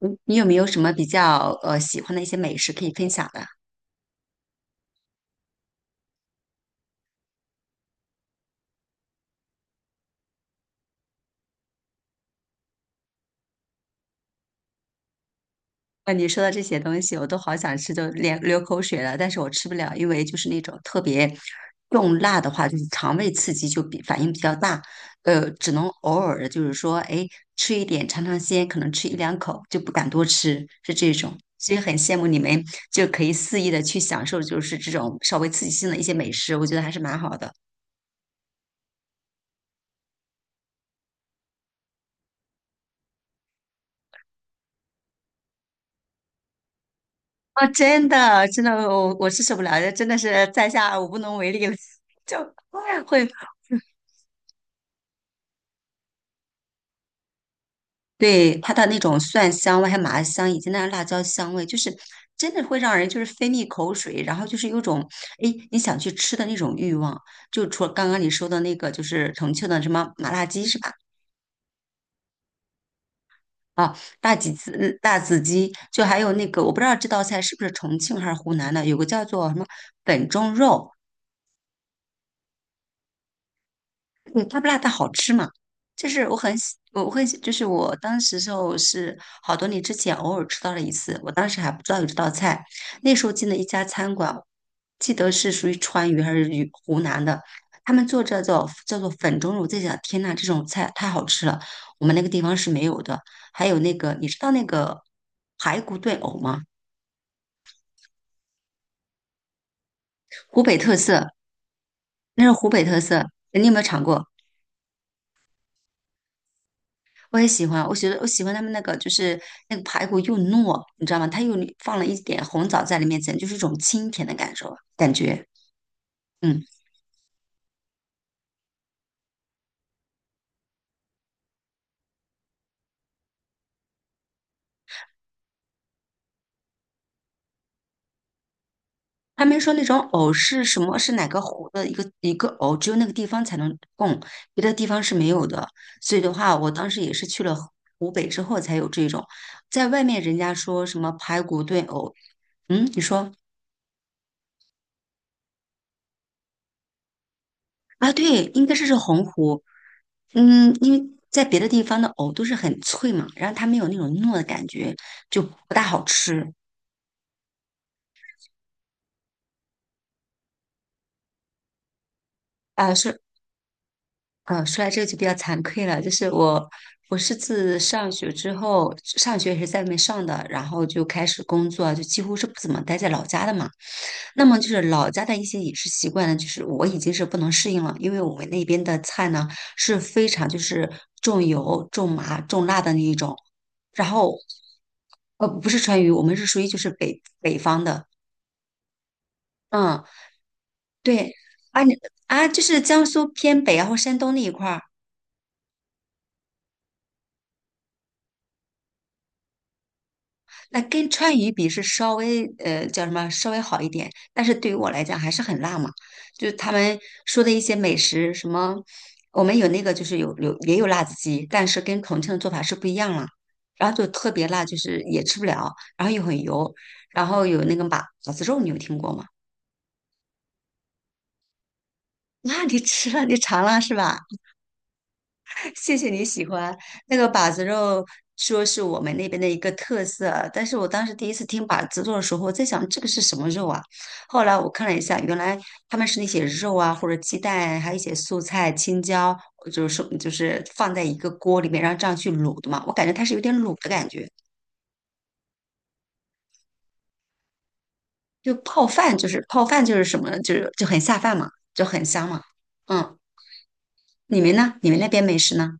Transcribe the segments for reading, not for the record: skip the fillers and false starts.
嗯你有没有什么比较喜欢的一些美食可以分享的？啊，你说到这些东西，我都好想吃，就连流口水了，但是我吃不了，因为就是那种特别重辣的话，就是肠胃刺激就比反应比较大，只能偶尔的，就是说，哎，吃一点尝尝鲜，可能吃一两口就不敢多吃，是这种。所以很羡慕你们就可以肆意的去享受，就是这种稍微刺激性的一些美食，我觉得还是蛮好的。啊，真的，真的，我是受不了，真的是在下我无能为力了，就会对它的那种蒜香味，还有麻香，以及那辣椒香味，就是真的会让人就是分泌口水，然后就是有种哎你想去吃的那种欲望。就除了刚刚你说的那个，就是重庆的什么麻辣鸡是吧？啊，辣子鸡，辣子鸡，就还有那个我不知道这道菜是不是重庆还是湖南的，有个叫做什么粉蒸肉。对，它不辣，但好吃嘛。就是我很喜，我会，就是我当时时候是好多年之前偶尔吃到了一次，我当时还不知道有这道菜。那时候进了一家餐馆，记得是属于川渝还是渝湖南的，他们做这叫做粉蒸肉，我在想，天呐，这种菜太好吃了，我们那个地方是没有的。还有那个，你知道那个排骨炖藕吗？湖北特色，那是湖北特色，你有没有尝过？我也喜欢，我觉得我喜欢他们那个，就是那个排骨又糯，你知道吗？它又放了一点红枣在里面，简直就是一种清甜的感受，感觉。嗯，他们说那种藕是什么？是哪个湖的一个藕，只有那个地方才能供，别的地方是没有的。所以的话，我当时也是去了湖北之后才有这种，在外面人家说什么排骨炖藕，嗯，你说啊，对，应该是洪湖。因为在别的地方的藕都是很脆嘛，然后它没有那种糯的感觉，就不大好吃。啊、是说来这个就比较惭愧了，就是我是自上学之后，上学也是在外面上的，然后就开始工作，就几乎是不怎么待在老家的嘛。那么就是老家的一些饮食习惯呢，就是我已经是不能适应了，因为我们那边的菜呢是非常就是重油、重麻、重辣的那一种，然后不是川渝，我们是属于就是北方的，嗯，对，啊你啊就是江苏偏北然后山东那一块儿。那跟川渝比是稍微叫什么稍微好一点，但是对于我来讲还是很辣嘛。就是他们说的一些美食，什么我们有那个就是有也有辣子鸡，但是跟重庆的做法是不一样了。然后就特别辣，就是也吃不了，然后又很油，然后有那个马子肉，你有听过吗？那你吃了，你尝了是吧？谢谢你喜欢那个把子肉，说是我们那边的一个特色啊。但是我当时第一次听把子肉的时候，我在想这个是什么肉啊？后来我看了一下，原来他们是那些肉啊，或者鸡蛋，还有一些素菜、青椒，就是说就是放在一个锅里面，然后这样去卤的嘛。我感觉它是有点卤的感觉，就泡饭，就是泡饭就是什么呢就是就很下饭嘛，就很香嘛。嗯，你们呢？你们那边美食呢？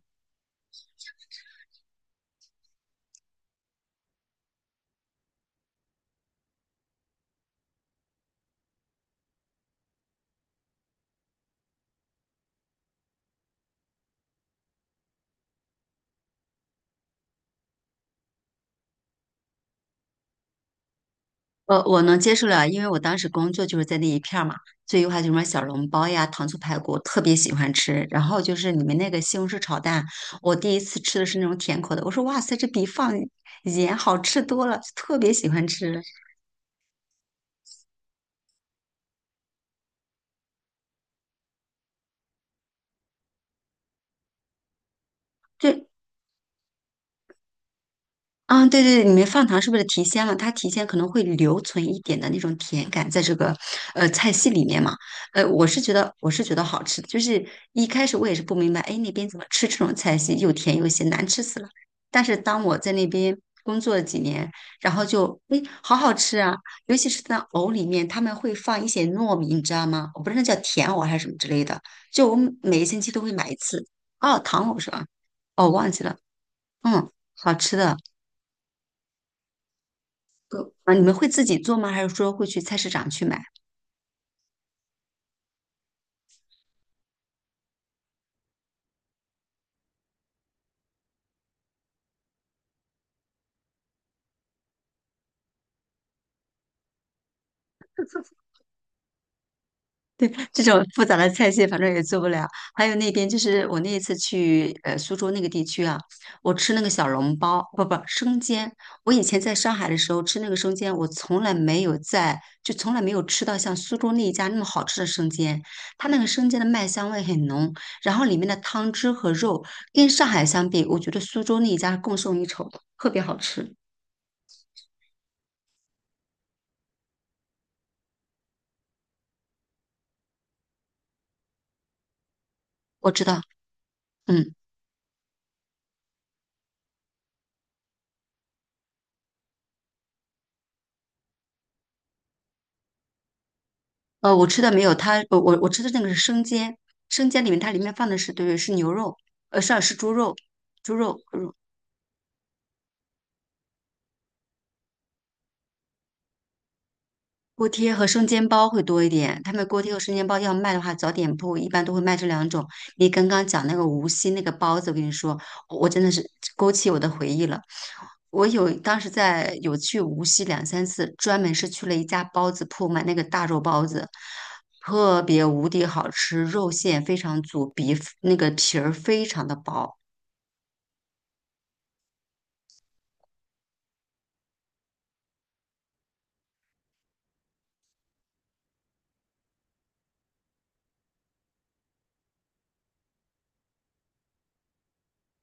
我能接受了，因为我当时工作就是在那一片儿嘛，所以的话就什么小笼包呀、糖醋排骨，特别喜欢吃。然后就是你们那个西红柿炒蛋，我第一次吃的是那种甜口的，我说哇塞，这比放盐好吃多了，特别喜欢吃。就啊，对对对，里面放糖是不是提鲜了？它提鲜可能会留存一点的那种甜感在这个菜系里面嘛。我是觉得好吃的就是一开始我也是不明白，哎，那边怎么吃这种菜系又甜又咸，难吃死了。但是当我在那边工作了几年，然后就哎，好好吃啊！尤其是在藕里面，他们会放一些糯米，你知道吗？我不知道那叫甜藕还是什么之类的，就我每个星期都会买一次。哦，糖藕是吧？哦，忘记了，嗯，好吃的。啊，你们会自己做吗？还是说会去菜市场去买？这种复杂的菜系，反正也做不了。还有那边就是我那一次去苏州那个地区啊，我吃那个小笼包，不生煎。我以前在上海的时候吃那个生煎，我从来没有在就从来没有吃到像苏州那一家那么好吃的生煎。它那个生煎的麦香味很浓，然后里面的汤汁和肉跟上海相比，我觉得苏州那一家是更胜一筹的特别好吃。我知道，嗯。我吃的没有它，我吃的那个是生煎，生煎里面它里面放的是对是牛肉，是猪肉，猪肉锅贴和生煎包会多一点。他们锅贴和生煎包要卖的话，早点铺一般都会卖这两种。你刚刚讲那个无锡那个包子，我跟你说，我真的是勾起我的回忆了。我有当时在有去无锡两三次，专门是去了一家包子铺买那个大肉包子，特别无敌好吃，肉馅非常足，皮那个皮儿非常的薄。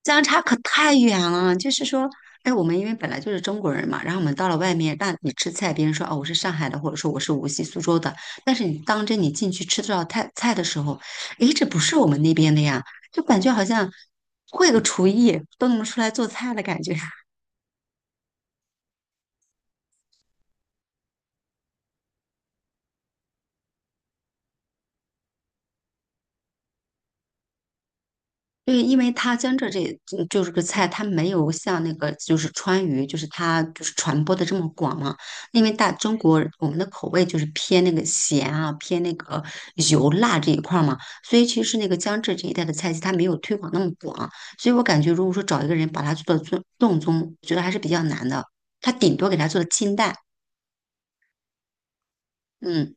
相差可太远了。就是说，哎，我们因为本来就是中国人嘛，然后我们到了外面，那你吃菜，别人说哦我是上海的，或者说我是无锡、苏州的，但是你当真你进去吃到菜的时候，哎，这不是我们那边的呀，就感觉好像会个厨艺都能出来做菜的感觉。对，因为它江浙这就是个菜，它没有像那个就是川渝，就是它就是传播的这么广嘛。因为大中国我们的口味就是偏那个咸啊，偏那个油辣这一块儿嘛，所以其实那个江浙这一带的菜系它没有推广那么广，所以我感觉如果说找一个人把它做到正宗，我觉得还是比较难的。他顶多给它做的清淡，嗯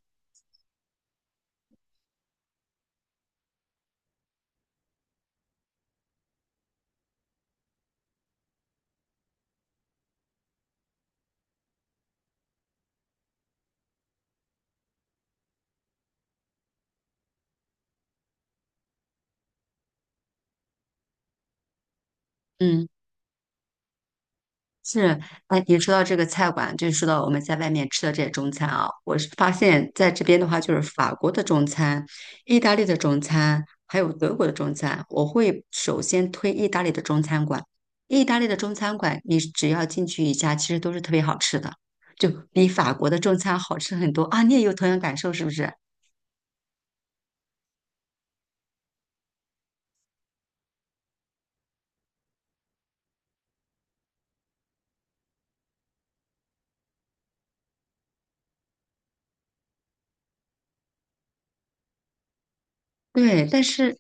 嗯。是，哎，你说到这个菜馆，就说到我们在外面吃的这些中餐啊，我是发现在这边的话，就是法国的中餐、意大利的中餐，还有德国的中餐，我会首先推意大利的中餐馆。意大利的中餐馆，你只要进去一家，其实都是特别好吃的，就比法国的中餐好吃很多啊！你也有同样感受是不是？对，但是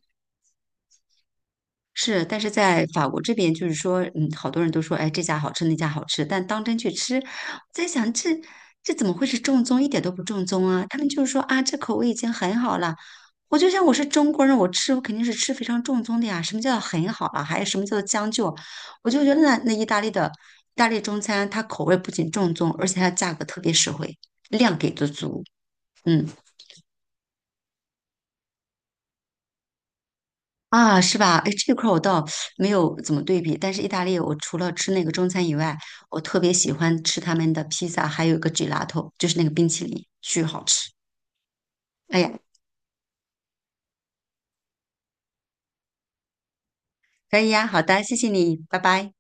在法国这边，就是说，好多人都说，哎，这家好吃，那家好吃，但当真去吃，我在想，这怎么会是正宗？一点都不正宗啊！他们就是说啊，这口味已经很好了。我就想，我是中国人，我吃我肯定是吃非常正宗的呀。什么叫很好了？还有什么叫做将就？我就觉得那意大利中餐，它口味不仅正宗，而且它价格特别实惠，量给的足。嗯。啊，是吧？哎，这块儿我倒没有怎么对比，但是意大利我除了吃那个中餐以外，我特别喜欢吃他们的披萨，还有一个 gelato，就是那个冰淇淋，巨好吃。哎呀，可以呀，好的，谢谢你，拜拜。